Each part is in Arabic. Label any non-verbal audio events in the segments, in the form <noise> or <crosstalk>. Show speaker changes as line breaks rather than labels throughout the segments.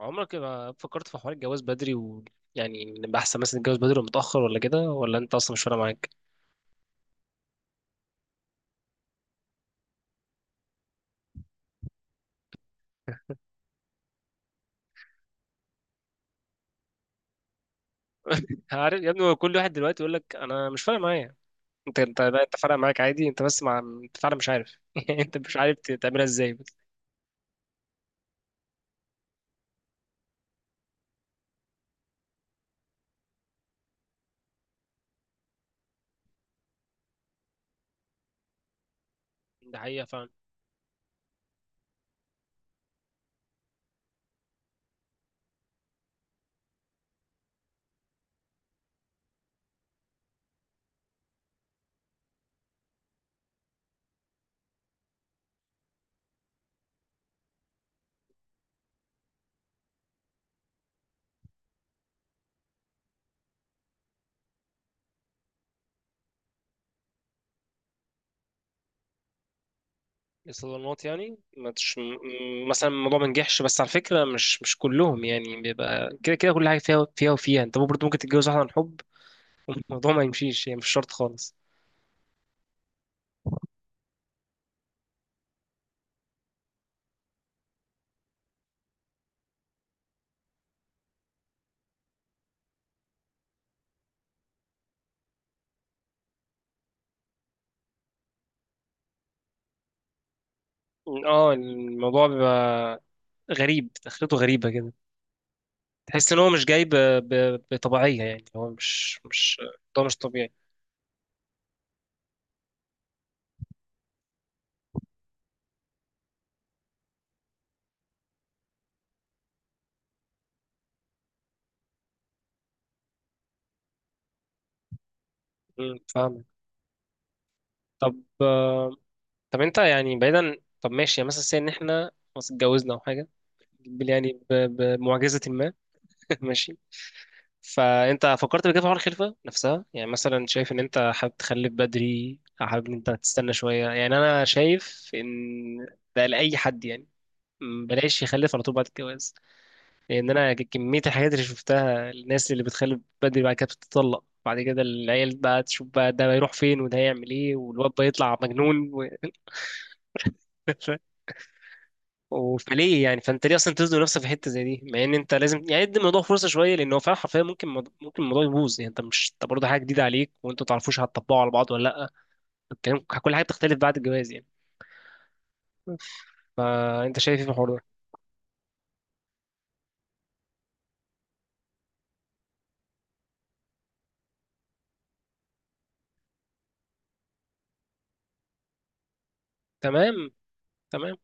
عمرك ما فكرت في حوار الجواز بدري و نبقى احسن مثلا نتجوز بدري ولا متاخر ولا كده، ولا انت اصلا مش فارق معاك؟ عارف يا ابني، هو كل واحد دلوقتي يقول لك انا مش فارق معايا. انت لا، انت فارق معاك عادي، انت بس مع انت فعلا مش عارف <laughs> انت مش عارف تعملها ازاي بس. ده حقيقه فعلا. الصالونات يعني ما تش... م- مثلا الموضوع ما نجحش، بس على فكره مش كلهم يعني بيبقى كده، كده كل حاجه فيها فيها وفيها. انت برضه ممكن تتجوز واحده عن حب، الموضوع ما يمشيش، هي يعني مش شرط خالص. اه، الموضوع بيبقى غريب، دخلته غريبه كده. تحس ان هو مش جاي ب... ب... بطبيعيه، يعني هو مش ده مش طبيعي. فاهمك. طب آه، طب انت بعيدا، طب ماشي يعني مثلا سي ان احنا خلاص اتجوزنا او حاجه، بال- يعني ب... بمعجزه ما. <laughs> ماشي. فانت فكرت بكده في حوار الخلفه نفسها؟ يعني مثلا شايف ان انت حابب تخلف بدري، او حابب ان انت تستنى شويه؟ يعني انا شايف ان ده لاي حد، يعني م، بلاش يخلف على طول بعد الجواز. لان انا كميه الحاجات اللي شفتها، الناس اللي بتخلف بدري بعد كده بتتطلق، بعد كده العيال بقى تشوف بقى، ده هيروح فين وده هيعمل ايه، والواد بقى يطلع مجنون و... <laughs> و- فليه يعني، فانت ليه اصلا تزنق نفسك في حته زي دي؟ مع ان انت لازم يعني ادي الموضوع فرصه شويه، لان هو فعلا حرفيا ممكن الموضوع يبوظ. يعني انت مش، انت برضه حاجه جديده عليك وانتوا ما تعرفوش هتطبقوا على بعض ولا لا، الكلام كل حاجه بتختلف بعد الجواز يعني. فانت شايف ايه في الحوار ده؟ تمام، تمام.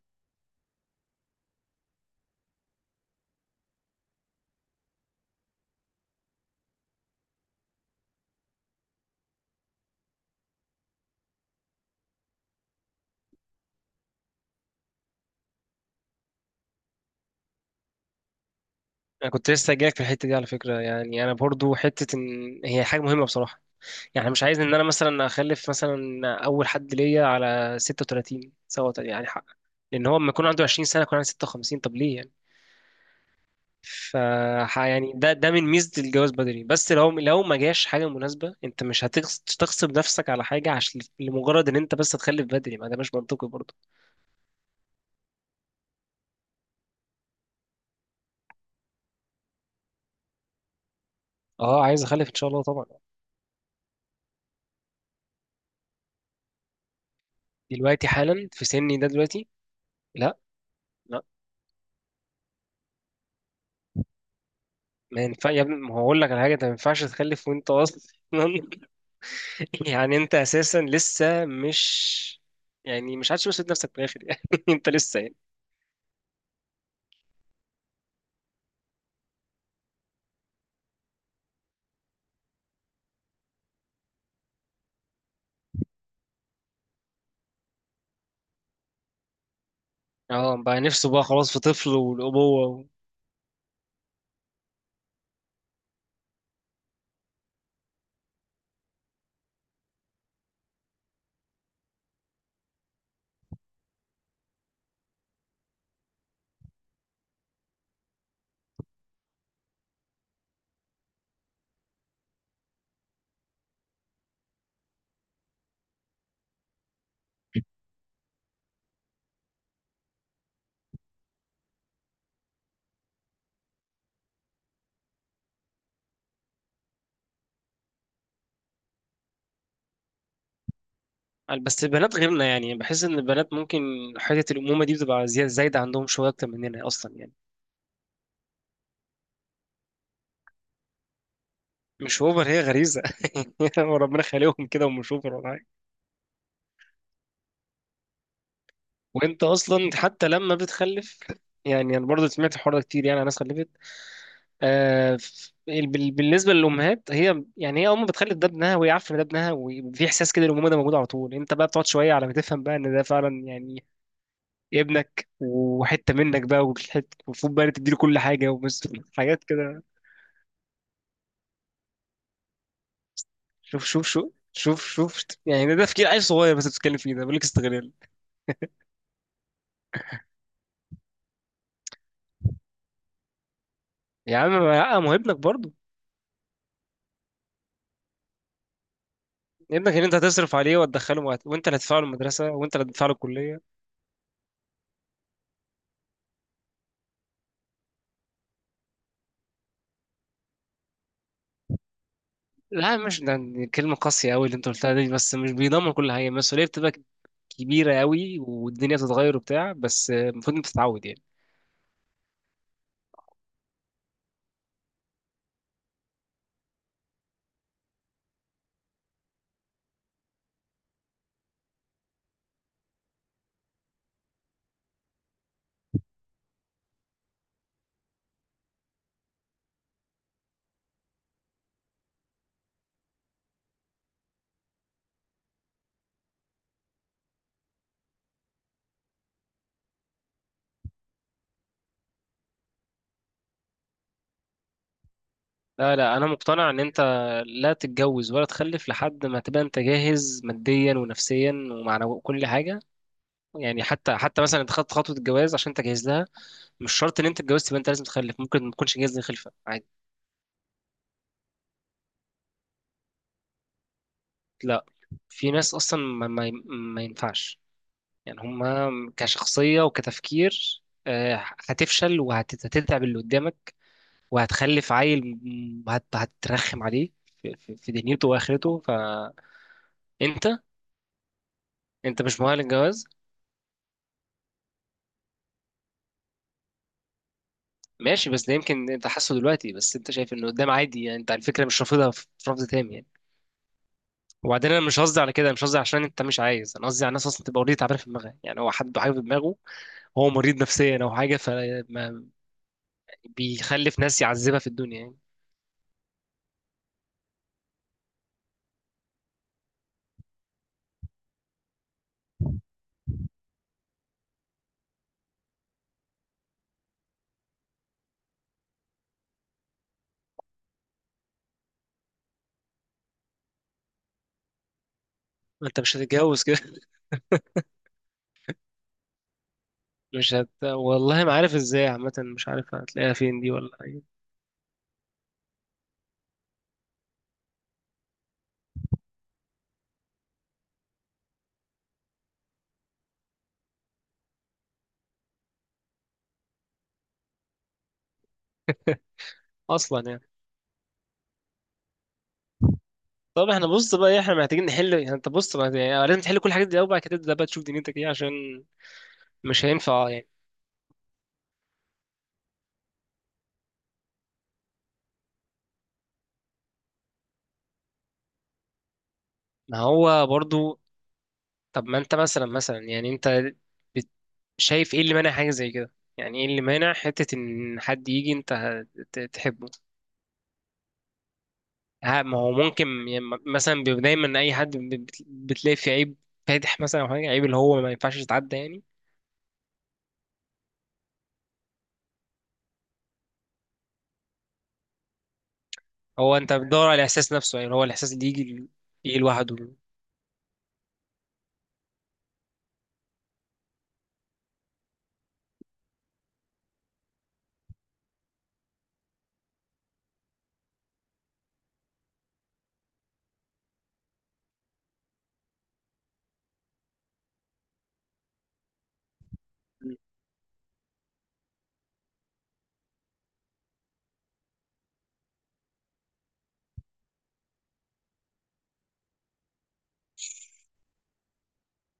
انا كنت لسه جايلك في الحته دي على فكره، يعني انا برضو حته ان هي حاجه مهمه بصراحه، يعني مش عايز ان انا مثلا اخلف مثلا اول حد ليا على 36 سوا يعني، حق. لان هو لما يكون عنده 20 سنه يكون عنده 56، طب ليه يعني؟ ف يعني ده من ميزه الجواز بدري، بس لو ما جاش حاجه مناسبه انت مش هتغصب نفسك على حاجه عشان لمجرد ان انت بس تخلف بدري، ما ده مش منطقي برضه. اه عايز اخلف ان شاء الله طبعا. دلوقتي حالا في سني ده دلوقتي؟ لا، لا. ما ينفع يا ابني، ما هقول لك على حاجه، انت ما ينفعش تخلف وانت اصلا، يعني انت اساسا لسه مش، يعني مش عادش مسؤول نفسك في الاخر يعني <laughs> انت لسه يعني. اه، بقى نفسه بقى خلاص في طفل والابوه و... بس البنات غيرنا، يعني بحس ان البنات ممكن حته الامومه دي بتبقى زياده، زايده عندهم شويه اكتر مننا اصلا يعني. مش اوفر، هي غريزه <laughs> وربنا خالقهم كده، ومش اوفر ولا حاجه. وانت اصلا حتى لما بتخلف، يعني انا برضه سمعت الحوار ده كتير، يعني ناس خلفت، بالنسبه للامهات، هي يعني هي امه بتخلي ده ابنها، وهي عارفه ان ده ابنها، وفي احساس كده الامومه ده موجود على طول. انت بقى بتقعد شويه على ما تفهم بقى ان ده فعلا يعني ابنك وحته منك بقى، وحته المفروض بقى تديله كل حاجه ومس حاجات كده. شوف شوف شوف شوف شوف، يعني ده تفكير عيل صغير بس بتتكلم فيه، ده بيقول لك استغلال! يا عم، ما ما هو ابنك برضه، ابنك اللي انت هتصرف عليه وهتدخله وانت اللي هتدفع له المدرسه، وانت اللي هتدفع له الكليه. لا مش ده، يعني كلمة قاسية أوي اللي أنت قلتها دي، بس مش بيضمن كل حاجة، المسؤولية بتبقى كبيره قوي، والدنيا تتغير وبتاع، بس المفروض انت تتعود يعني. لا انا مقتنع ان انت لا تتجوز ولا تخلف لحد ما تبقى انت جاهز ماديا ونفسيا ومعنويا كل حاجه. يعني حتى مثلا انت خدت خطوه الجواز عشان انت جاهز لها، مش شرط ان انت اتجوزت يبقى انت لازم تخلف، ممكن ما تكونش جاهز للخلفه عادي. لا، في ناس اصلا ما ينفعش، يعني هما كشخصيه وكتفكير آه، هتفشل وهتتعب اللي قدامك، وهتخلف عيل هترخم عليه في في دنيته واخرته، فانت انت مش مؤهل للجواز. ماشي، بس ده يمكن انت حاسه دلوقتي، بس انت شايف انه قدام عادي يعني، انت على فكره مش رافضها في في رفض تام يعني. وبعدين انا مش قصدي على كده، مش قصدي عشان انت مش عايز، انا قصدي على الناس اصلا تبقى اوريدي تعبانه في دماغها، يعني هو حد حاجه في دماغه، هو مريض نفسيا او حاجه، فما بيخلف ناس يعذبها في الدنيا يعني. ما انت مش هتتجوز كده <laughs> مش هت... والله ما عارف ازاي، عامه مش عارف هتلاقيها فين دي ولا حاجه <laughs> اصلا يعني. طب احنا، بص بقى إيه، احنا محتاجين نحل، يعني انت بص بقى يعني لازم تحل كل الحاجات دي الاول، بعد كده تبدا بقى تشوف دنيتك ايه، عشان مش هينفع يعني. ما هو برضو، طب ما انت مثلا، انت بت- شايف ايه اللي مانع حاجه زي كده؟ يعني ايه اللي مانع حته ان حد يجي انت تحبه؟ ها، ما هو ممكن يعني مثلا دايما اي حد بتلاقي فيه عيب فادح مثلا او حاجه، عيب اللي هو ما ينفعش يتعدى يعني. هو انت بتدور على الاحساس نفسه، يعني اللي هو الاحساس اللي يجي لوحده.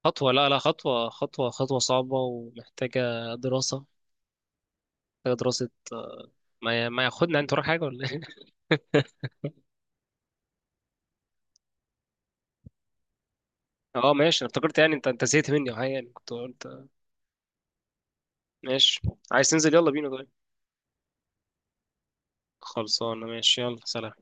خطوة، لا لا خطوة، خطوة صعبة ومحتاجة دراسة، محتاجة دراسة ما ما ياخدنا، انت وراك حاجة ولا ايه؟ <laughs> اه ماشي، أنا افتكرت يعني، انت زهقت مني او حاجة، يعني كنت قلت ماشي. عايز تنزل؟ يلا بينا طيب. خلصانة، ماشي، يلا سلام.